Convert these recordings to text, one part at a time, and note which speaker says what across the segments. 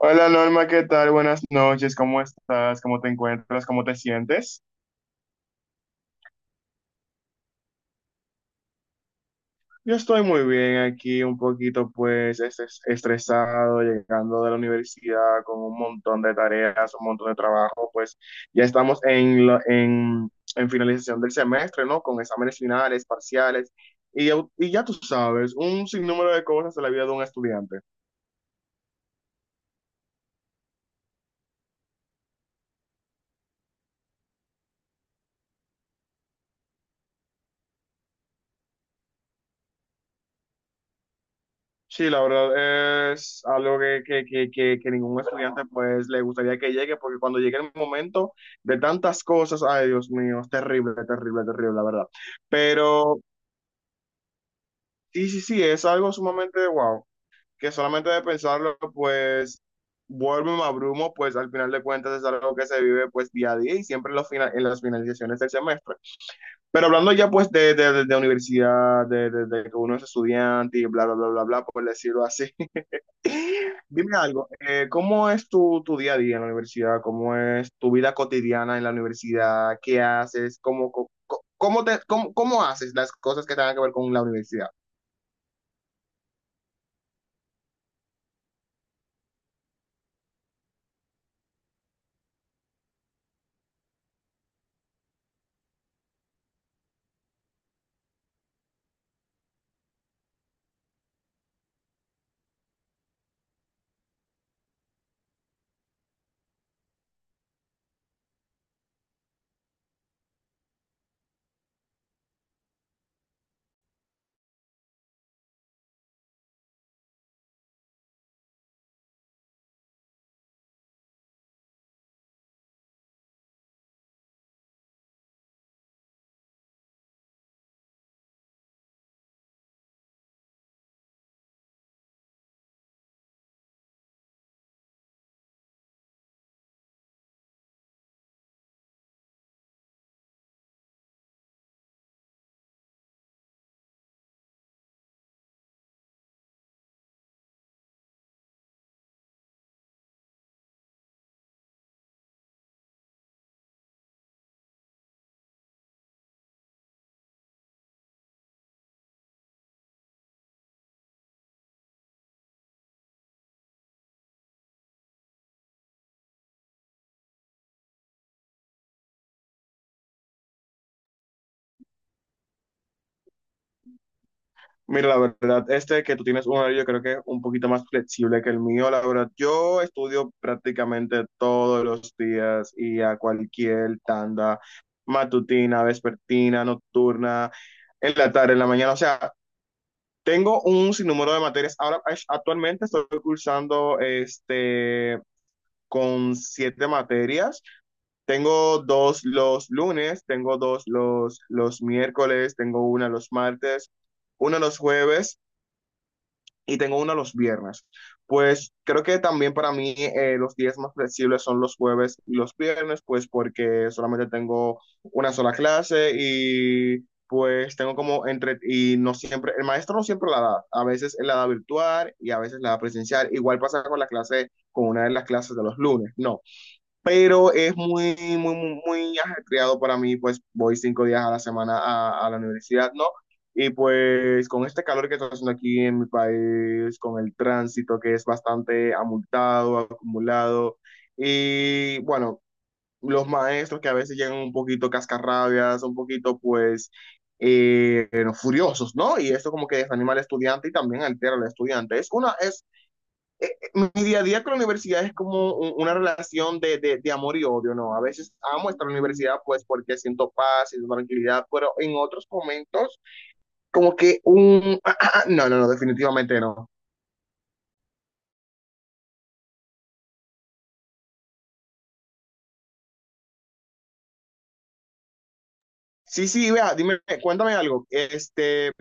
Speaker 1: Hola Norma, ¿qué tal? Buenas noches, ¿cómo estás? ¿Cómo te encuentras? ¿Cómo te sientes? Yo estoy muy bien aquí, un poquito pues estresado, llegando de la universidad con un montón de tareas, un montón de trabajo, pues ya estamos en finalización del semestre, ¿no? Con exámenes finales, parciales, y ya tú sabes, un sinnúmero de cosas de la vida de un estudiante. Sí, la verdad es algo que ningún estudiante pues le gustaría que llegue, porque cuando llegue el momento de tantas cosas, ay Dios mío, es terrible, terrible, terrible, la verdad. Pero sí, sí, sí, es algo sumamente wow, que solamente de pensarlo pues vuelvo y me abrumo, pues al final de cuentas es algo que se vive pues día a día y siempre en las finalizaciones del semestre. Pero hablando ya pues de universidad, de que uno es estudiante y bla, bla, bla, bla, bla, por decirlo así. Dime algo, ¿cómo es tu día a día en la universidad? ¿Cómo es tu vida cotidiana en la universidad? ¿Qué haces? ¿Cómo, co- co- cómo, te, cómo, Cómo haces las cosas que tengan que ver con la universidad? Mira, la verdad, este que tú tienes un horario, yo creo que un poquito más flexible que el mío. La verdad, yo estudio prácticamente todos los días y a cualquier tanda matutina, vespertina, nocturna, en la tarde, en la mañana. O sea, tengo un sinnúmero de materias. Ahora, actualmente estoy cursando este, con siete materias. Tengo dos los lunes, tengo dos los miércoles, tengo una los martes, una los jueves y tengo uno los viernes. Pues creo que también para mí los días más flexibles son los jueves y los viernes, pues porque solamente tengo una sola clase y pues tengo como entre, y no siempre, el maestro no siempre la da, a veces él la da virtual y a veces la da presencial. Igual pasa con la clase, con una de las clases de los lunes, no pero es muy, muy, muy, muy ajetreado para mí, pues voy 5 días a la semana a la universidad, ¿no? Y pues con este calor que está haciendo aquí en mi país, con el tránsito que es bastante amultado, acumulado, y bueno, los maestros que a veces llegan un poquito cascarrabias, un poquito pues eh, furiosos, ¿no? Y esto como que desanima al estudiante y también altera al estudiante. Es una, es Mi día a día con la universidad es como una relación de amor y odio, ¿no? A veces amo estar en la universidad, pues porque siento paz y tranquilidad, pero en otros momentos, como que un... no, no, no, definitivamente no. Sí, sí, vea, dime, cuéntame algo. Este,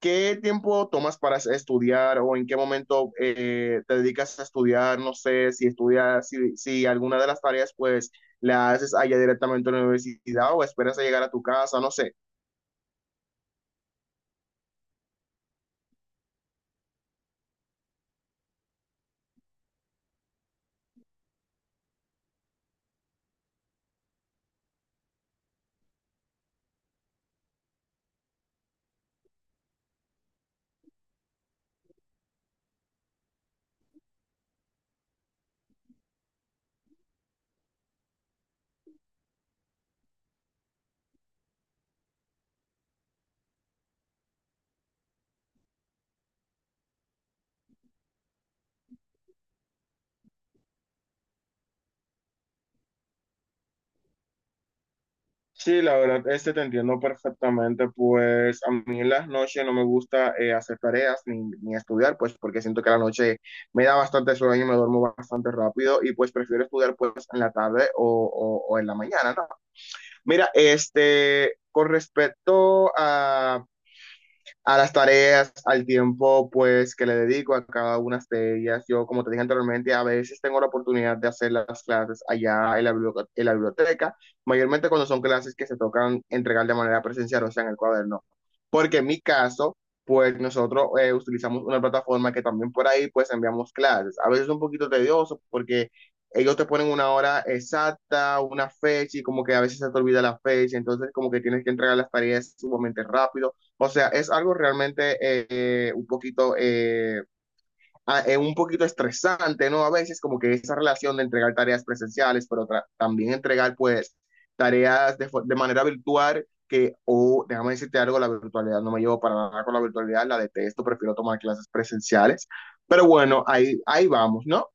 Speaker 1: ¿qué tiempo tomas para estudiar o en qué momento te dedicas a estudiar? No sé si estudias, si alguna de las tareas, pues, la haces allá directamente en la universidad o esperas a llegar a tu casa, no sé. Sí, la verdad, este te entiendo perfectamente, pues a mí en las noches no me gusta hacer tareas ni estudiar, pues porque siento que la noche me da bastante sueño y me duermo bastante rápido y pues prefiero estudiar pues en la tarde o en la mañana, ¿no? Mira, este, con respecto a las tareas, al tiempo pues que le dedico a cada una de ellas. Yo, como te dije anteriormente, a veces tengo la oportunidad de hacer las clases allá en la biblioteca, mayormente cuando son clases que se tocan entregar de manera presencial, o sea, en el cuaderno. Porque en mi caso, pues nosotros utilizamos una plataforma que también por ahí pues enviamos clases. A veces es un poquito tedioso porque ellos te ponen una hora exacta, una fecha y como que a veces se te olvida la fecha, entonces como que tienes que entregar las tareas sumamente rápido, o sea, es algo realmente un poquito, un poquito estresante, ¿no? A veces como que esa relación de entregar tareas presenciales, pero también entregar pues tareas de manera virtual que, o déjame decirte algo, la virtualidad no me llevo para nada con la virtualidad, la detesto, prefiero tomar clases presenciales. Pero bueno, ahí vamos, ¿no?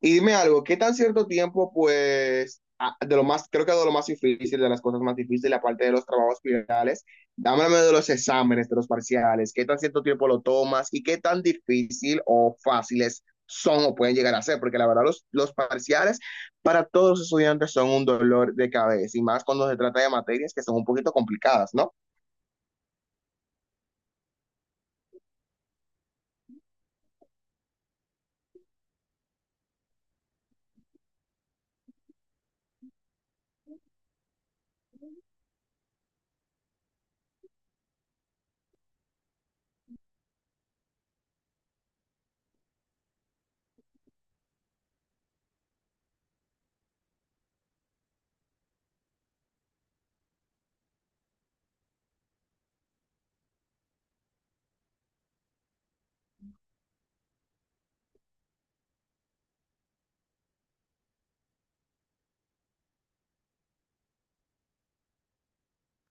Speaker 1: Y dime algo, ¿qué tan cierto tiempo, pues, de lo más, creo que de lo más difícil, de las cosas más difíciles, aparte de los trabajos finales, dámame de los exámenes, de los parciales, qué tan cierto tiempo lo tomas y qué tan difícil o fáciles son o pueden llegar a ser? Porque la verdad, los parciales para todos los estudiantes son un dolor de cabeza y más cuando se trata de materias que son un poquito complicadas, ¿no?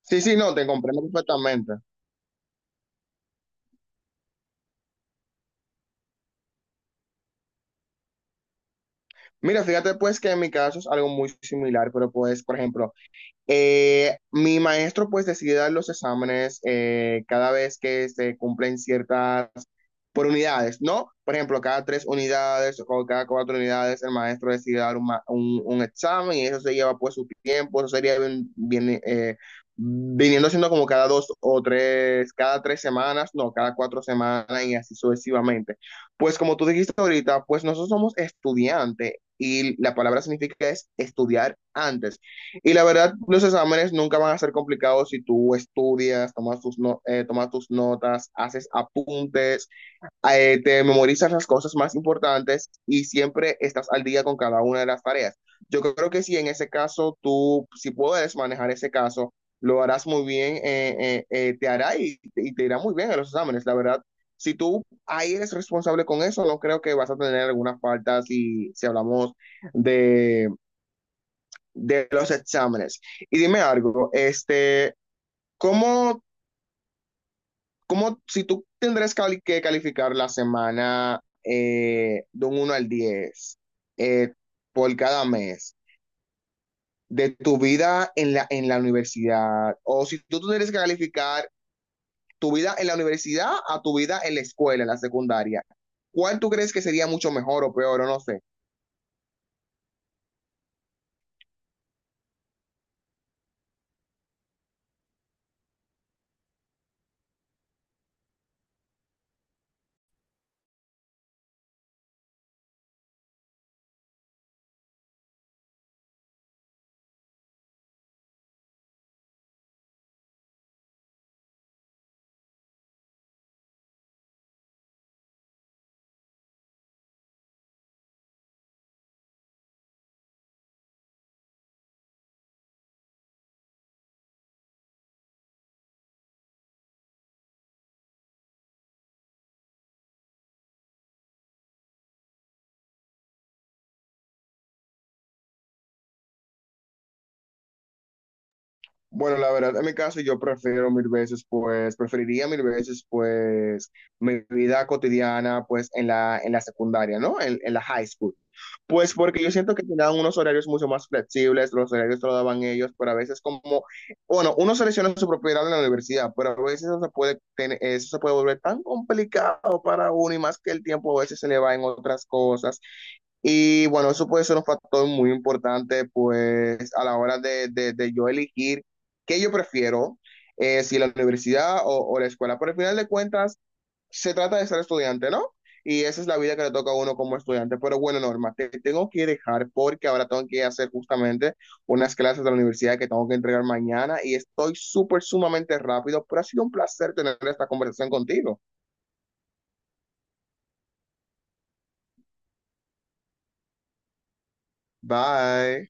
Speaker 1: Sí, sí, no, te comprendo perfectamente. Mira, fíjate pues que en mi caso es algo muy similar, pero pues, por ejemplo, mi maestro pues decide dar los exámenes cada vez que se cumplen ciertas, por unidades, ¿no? Por ejemplo, cada tres unidades o cada cuatro unidades el maestro decide dar un examen y eso se lleva pues su tiempo, eso sería bien, bien, viniendo siendo como cada dos o tres, cada tres semanas, no, cada cuatro semanas y así sucesivamente. Pues como tú dijiste ahorita, pues nosotros somos estudiantes y la palabra significa es estudiar antes. Y la verdad, los exámenes nunca van a ser complicados si tú estudias, tomas tus, no- tomas tus notas, haces apuntes, te memorizas las cosas más importantes y siempre estás al día con cada una de las tareas. Yo creo que si en ese caso tú, si puedes manejar ese caso, lo harás muy bien, te hará y te irá muy bien en los exámenes. La verdad, si tú ahí eres responsable con eso, no creo que vas a tener alguna falta si hablamos de los exámenes. Y dime algo, este, ¿cómo, cómo si tú tendrás que calificar la semana de un uno al 10 eh, por cada mes de tu vida en la universidad? O si tú tendrías que calificar tu vida en la universidad a tu vida en la escuela, en la secundaria, ¿cuál tú crees que sería mucho mejor o peor o no sé? Bueno, la verdad, en mi caso yo prefiero mil veces, pues, preferiría mil veces, pues, mi vida cotidiana, pues, en la secundaria, ¿no? En la high school. Pues porque yo siento que tenían unos horarios mucho más flexibles, los horarios te lo daban ellos, pero a veces como, bueno, uno selecciona su propiedad en la universidad, pero a veces eso se puede, eso se puede volver tan complicado para uno y más que el tiempo a veces se le va en otras cosas y bueno, eso puede ser un factor muy importante, pues a la hora de yo elegir qué yo prefiero, si la universidad o la escuela. Pero al final de cuentas, se trata de ser estudiante, ¿no? Y esa es la vida que le toca a uno como estudiante. Pero bueno, Norma, te tengo que dejar porque ahora tengo que hacer justamente unas clases de la universidad que tengo que entregar mañana y estoy súper, sumamente rápido, pero ha sido un placer tener esta conversación contigo. Bye.